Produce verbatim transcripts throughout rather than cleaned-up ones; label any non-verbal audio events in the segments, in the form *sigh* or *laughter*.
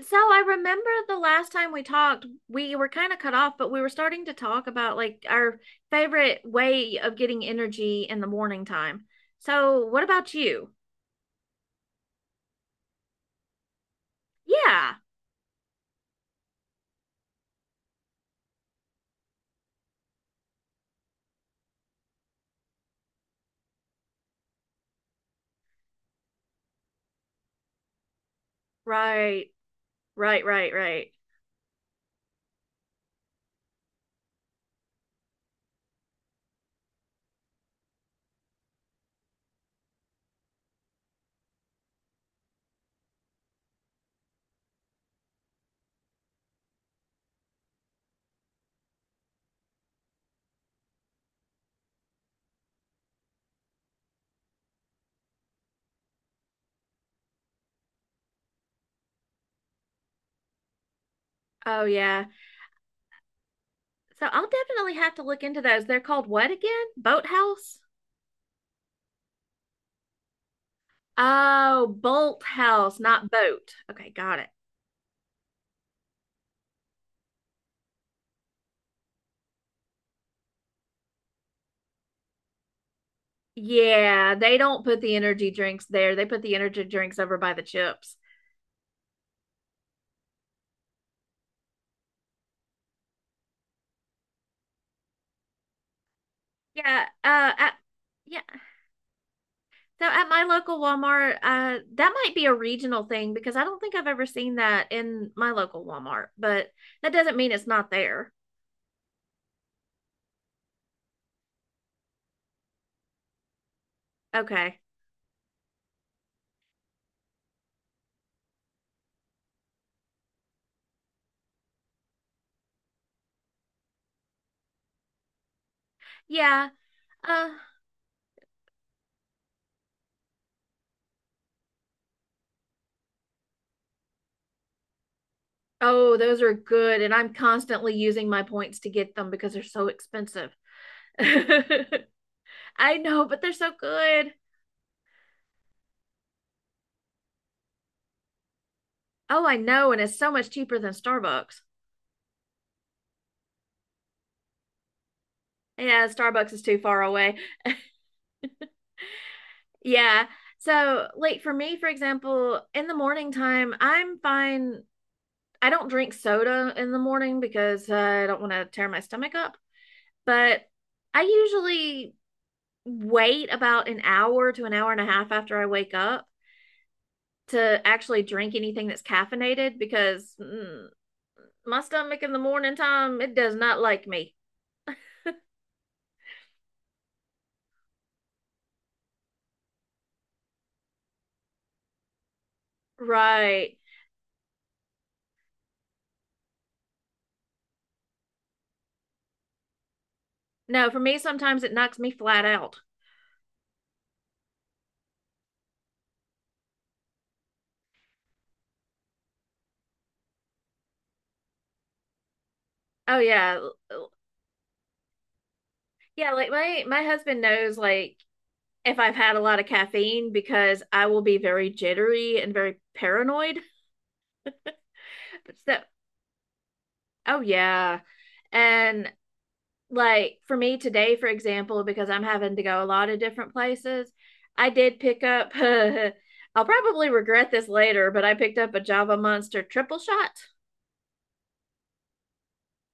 So I remember the last time we talked, we were kind of cut off, but we were starting to talk about like our favorite way of getting energy in the morning time. So what about you? Yeah. Right. Right, right, right. Oh yeah. So I'll definitely have to look into those. They're called what again? Boathouse? Oh, Bolt House, not boat. Okay, got it. Yeah, they don't put the energy drinks there. They put the energy drinks over by the chips. Yeah, uh, I, yeah, so at my local Walmart, uh, that might be a regional thing because I don't think I've ever seen that in my local Walmart, but that doesn't mean it's not there. Okay. Yeah. Uh, oh, those are good. And I'm constantly using my points to get them because they're so expensive. *laughs* I know, but they're so good. Oh, I know. And it's so much cheaper than Starbucks. Yeah, Starbucks is too far away. Yeah. So, like for me, for example, in the morning time, I'm fine. I don't drink soda in the morning because uh, I don't want to tear my stomach up, but I usually wait about an hour to an hour and a half after I wake up to actually drink anything that's caffeinated because mm, my stomach in the morning time, it does not like me. Right. No, for me, sometimes it knocks me flat out. Oh, yeah. Yeah, like my my husband knows like if I've had a lot of caffeine because I will be very jittery and very paranoid. *laughs* So Oh yeah. And like for me today, for example, because I'm having to go a lot of different places, I did pick up. *laughs* I'll probably regret this later, but I picked up a Java Monster triple shot.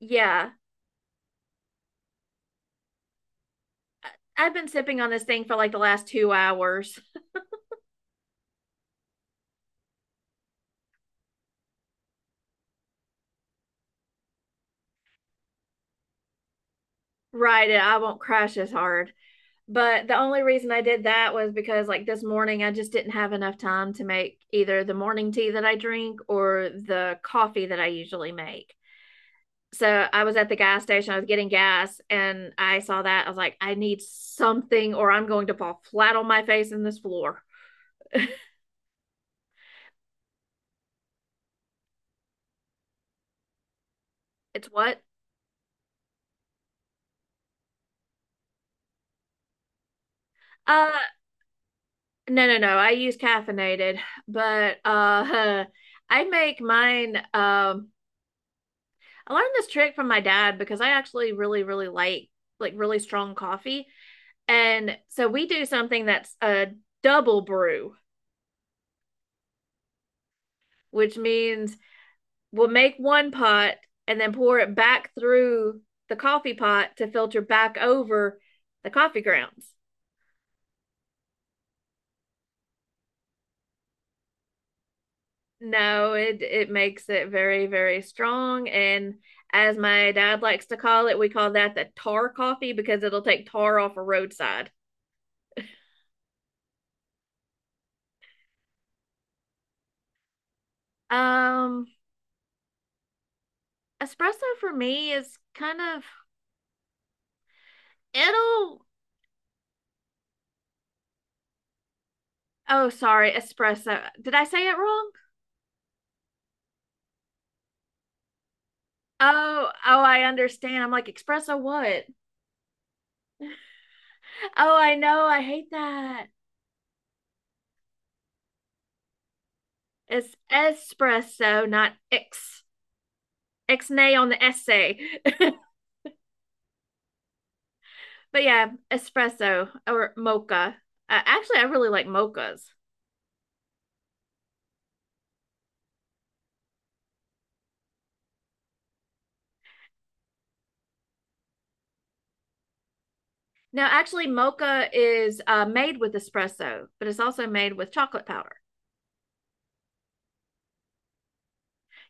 Yeah. I- I've been sipping on this thing for like the last two hours. Right, and I won't crash as hard. But the only reason I did that was because like this morning I just didn't have enough time to make either the morning tea that I drink or the coffee that I usually make. So I was at the gas station, I was getting gas, and I saw that. I was like, I need something, or I'm going to fall flat on my face in this floor. It's what? Uh, no, no, no. I use caffeinated, but uh, *laughs* I make mine. Um, I learned this trick from my dad because I actually really, really like like really strong coffee, and so we do something that's a double brew, which means we'll make one pot and then pour it back through the coffee pot to filter back over the coffee grounds. No, it it makes it very very strong and as my dad likes to call it, we call that the tar coffee because it'll take tar off a roadside. Um Espresso for me is kind of it'll oh, sorry, espresso. Did I say it wrong? Oh, oh, I understand. I'm like, espresso what? Oh, I know. I hate that. It's espresso, not X. Ixnay on the essay. *laughs* But yeah, espresso or mocha. Uh, actually, I really like mochas. Now, actually, mocha is uh, made with espresso, but it's also made with chocolate powder.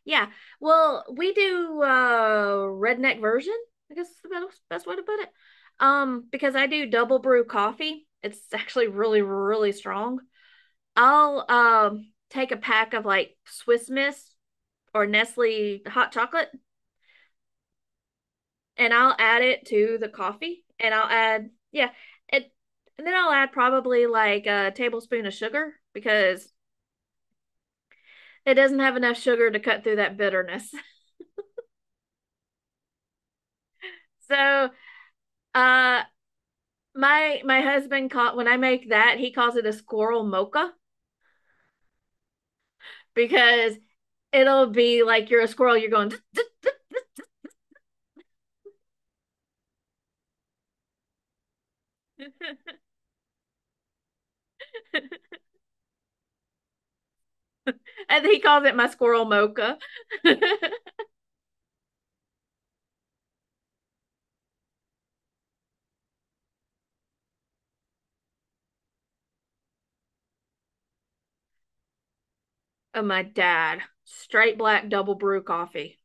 Yeah. Well, we do uh, redneck version. I guess is the best, best way to put it. Um, because I do double brew coffee. It's actually really, really strong. I'll um take a pack of like Swiss Miss or Nestle hot chocolate, and I'll add it to the coffee, and I'll add, yeah, it, and then I'll add probably like a tablespoon of sugar because it doesn't have enough sugar to cut through that bitterness. *laughs* So, uh, my my husband caught when I make that, he calls it a squirrel mocha because it'll be like you're a squirrel, you're going. *laughs* And he calls it my squirrel mocha. *laughs* Oh, my dad, straight black double brew coffee.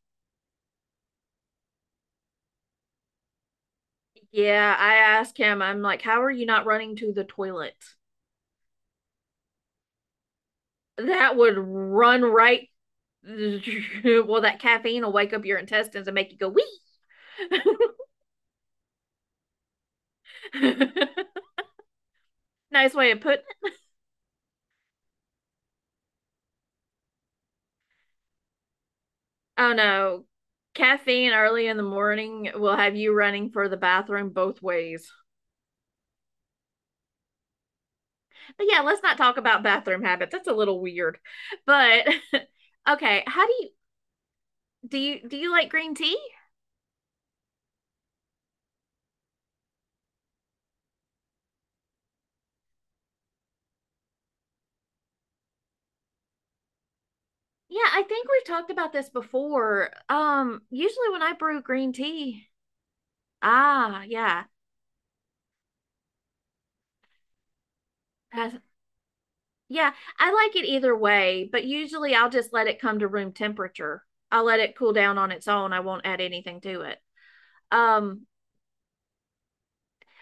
Yeah, I asked him, I'm like, how are you not running to the toilet? That would run right. *laughs* Well, that caffeine will wake up your intestines and make you go wee. *laughs* Nice way of putting it. Oh no. Caffeine early in the morning will have you running for the bathroom both ways. But yeah, let's not talk about bathroom habits. That's a little weird. But *laughs* okay, how do you do you do you like green tea? Yeah, I think we've talked about this before. Um, usually when I brew green tea, ah, yeah, Has- yeah, I like it either way, but usually I'll just let it come to room temperature. I'll let it cool down on its own. I won't add anything to it. Um,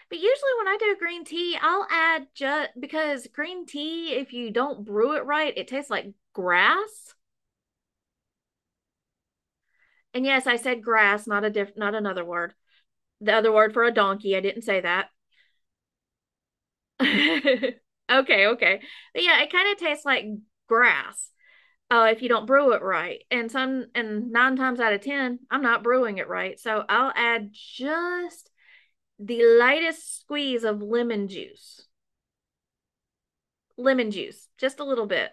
but usually when I do green tea, I'll add just because green tea, if you don't brew it right, it tastes like grass. And yes, I said grass, not a diff, not another word. The other word for a donkey, I didn't say that. *laughs* Okay, okay. But yeah, it kind of tastes like grass uh, if you don't brew it right. And some, and nine times out of ten, I'm not brewing it right. So I'll add just the lightest squeeze of lemon juice, lemon juice, just a little bit.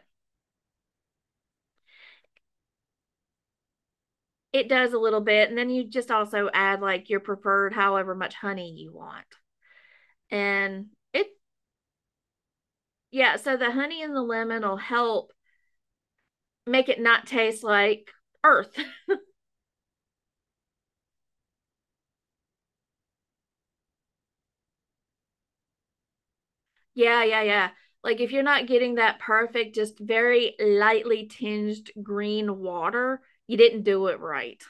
It does a little bit, and then you just also add like your preferred, however much honey you want. And it, yeah. So the honey and the lemon will help make it not taste like earth. Yeah, yeah, yeah. Like if you're not getting that perfect, just very lightly tinged green water, you didn't do it right.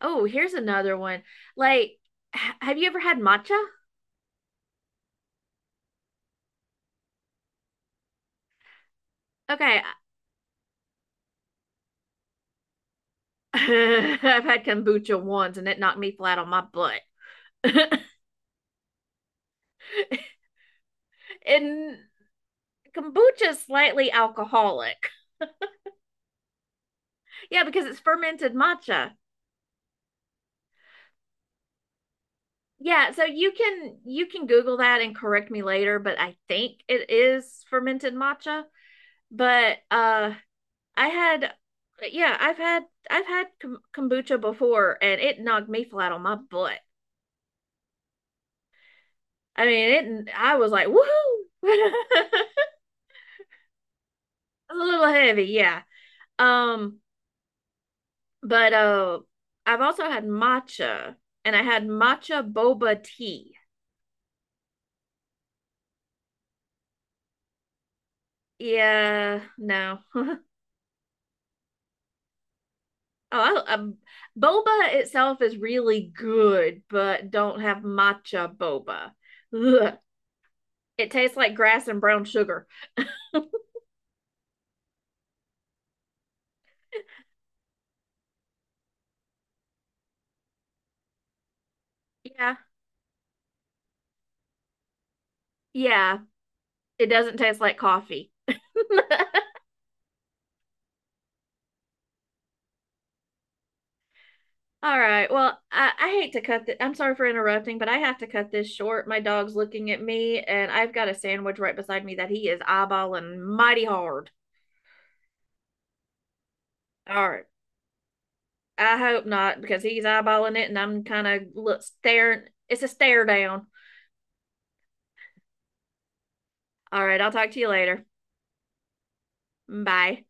Oh, here's another one. Like, h- have you ever had matcha? Okay, *laughs* I've had kombucha once and it knocked me flat on my butt. *laughs* And kombucha is slightly alcoholic. Yeah, because it's fermented matcha. Yeah, so you can you can Google that and correct me later, but I think it is fermented matcha. But uh I had, yeah, I've had I've had kombucha before, and it knocked me flat on my butt. I mean, it. I was like, woohoo! *laughs* A little heavy, yeah. Um, but uh, I've also had matcha, and I had matcha boba tea. Yeah, no. *laughs* Oh, I, um, boba itself is really good, but don't have matcha boba. Ugh. It tastes like grass and brown sugar. Yeah, yeah. It doesn't taste like coffee. *laughs* All right. Well, I, I hate to cut it. I'm sorry for interrupting, but I have to cut this short. My dog's looking at me, and I've got a sandwich right beside me that he is eyeballing mighty hard. All right. I hope not, because he's eyeballing it, and I'm kind of look staring. It's a stare down. All right. I'll talk to you later. Bye.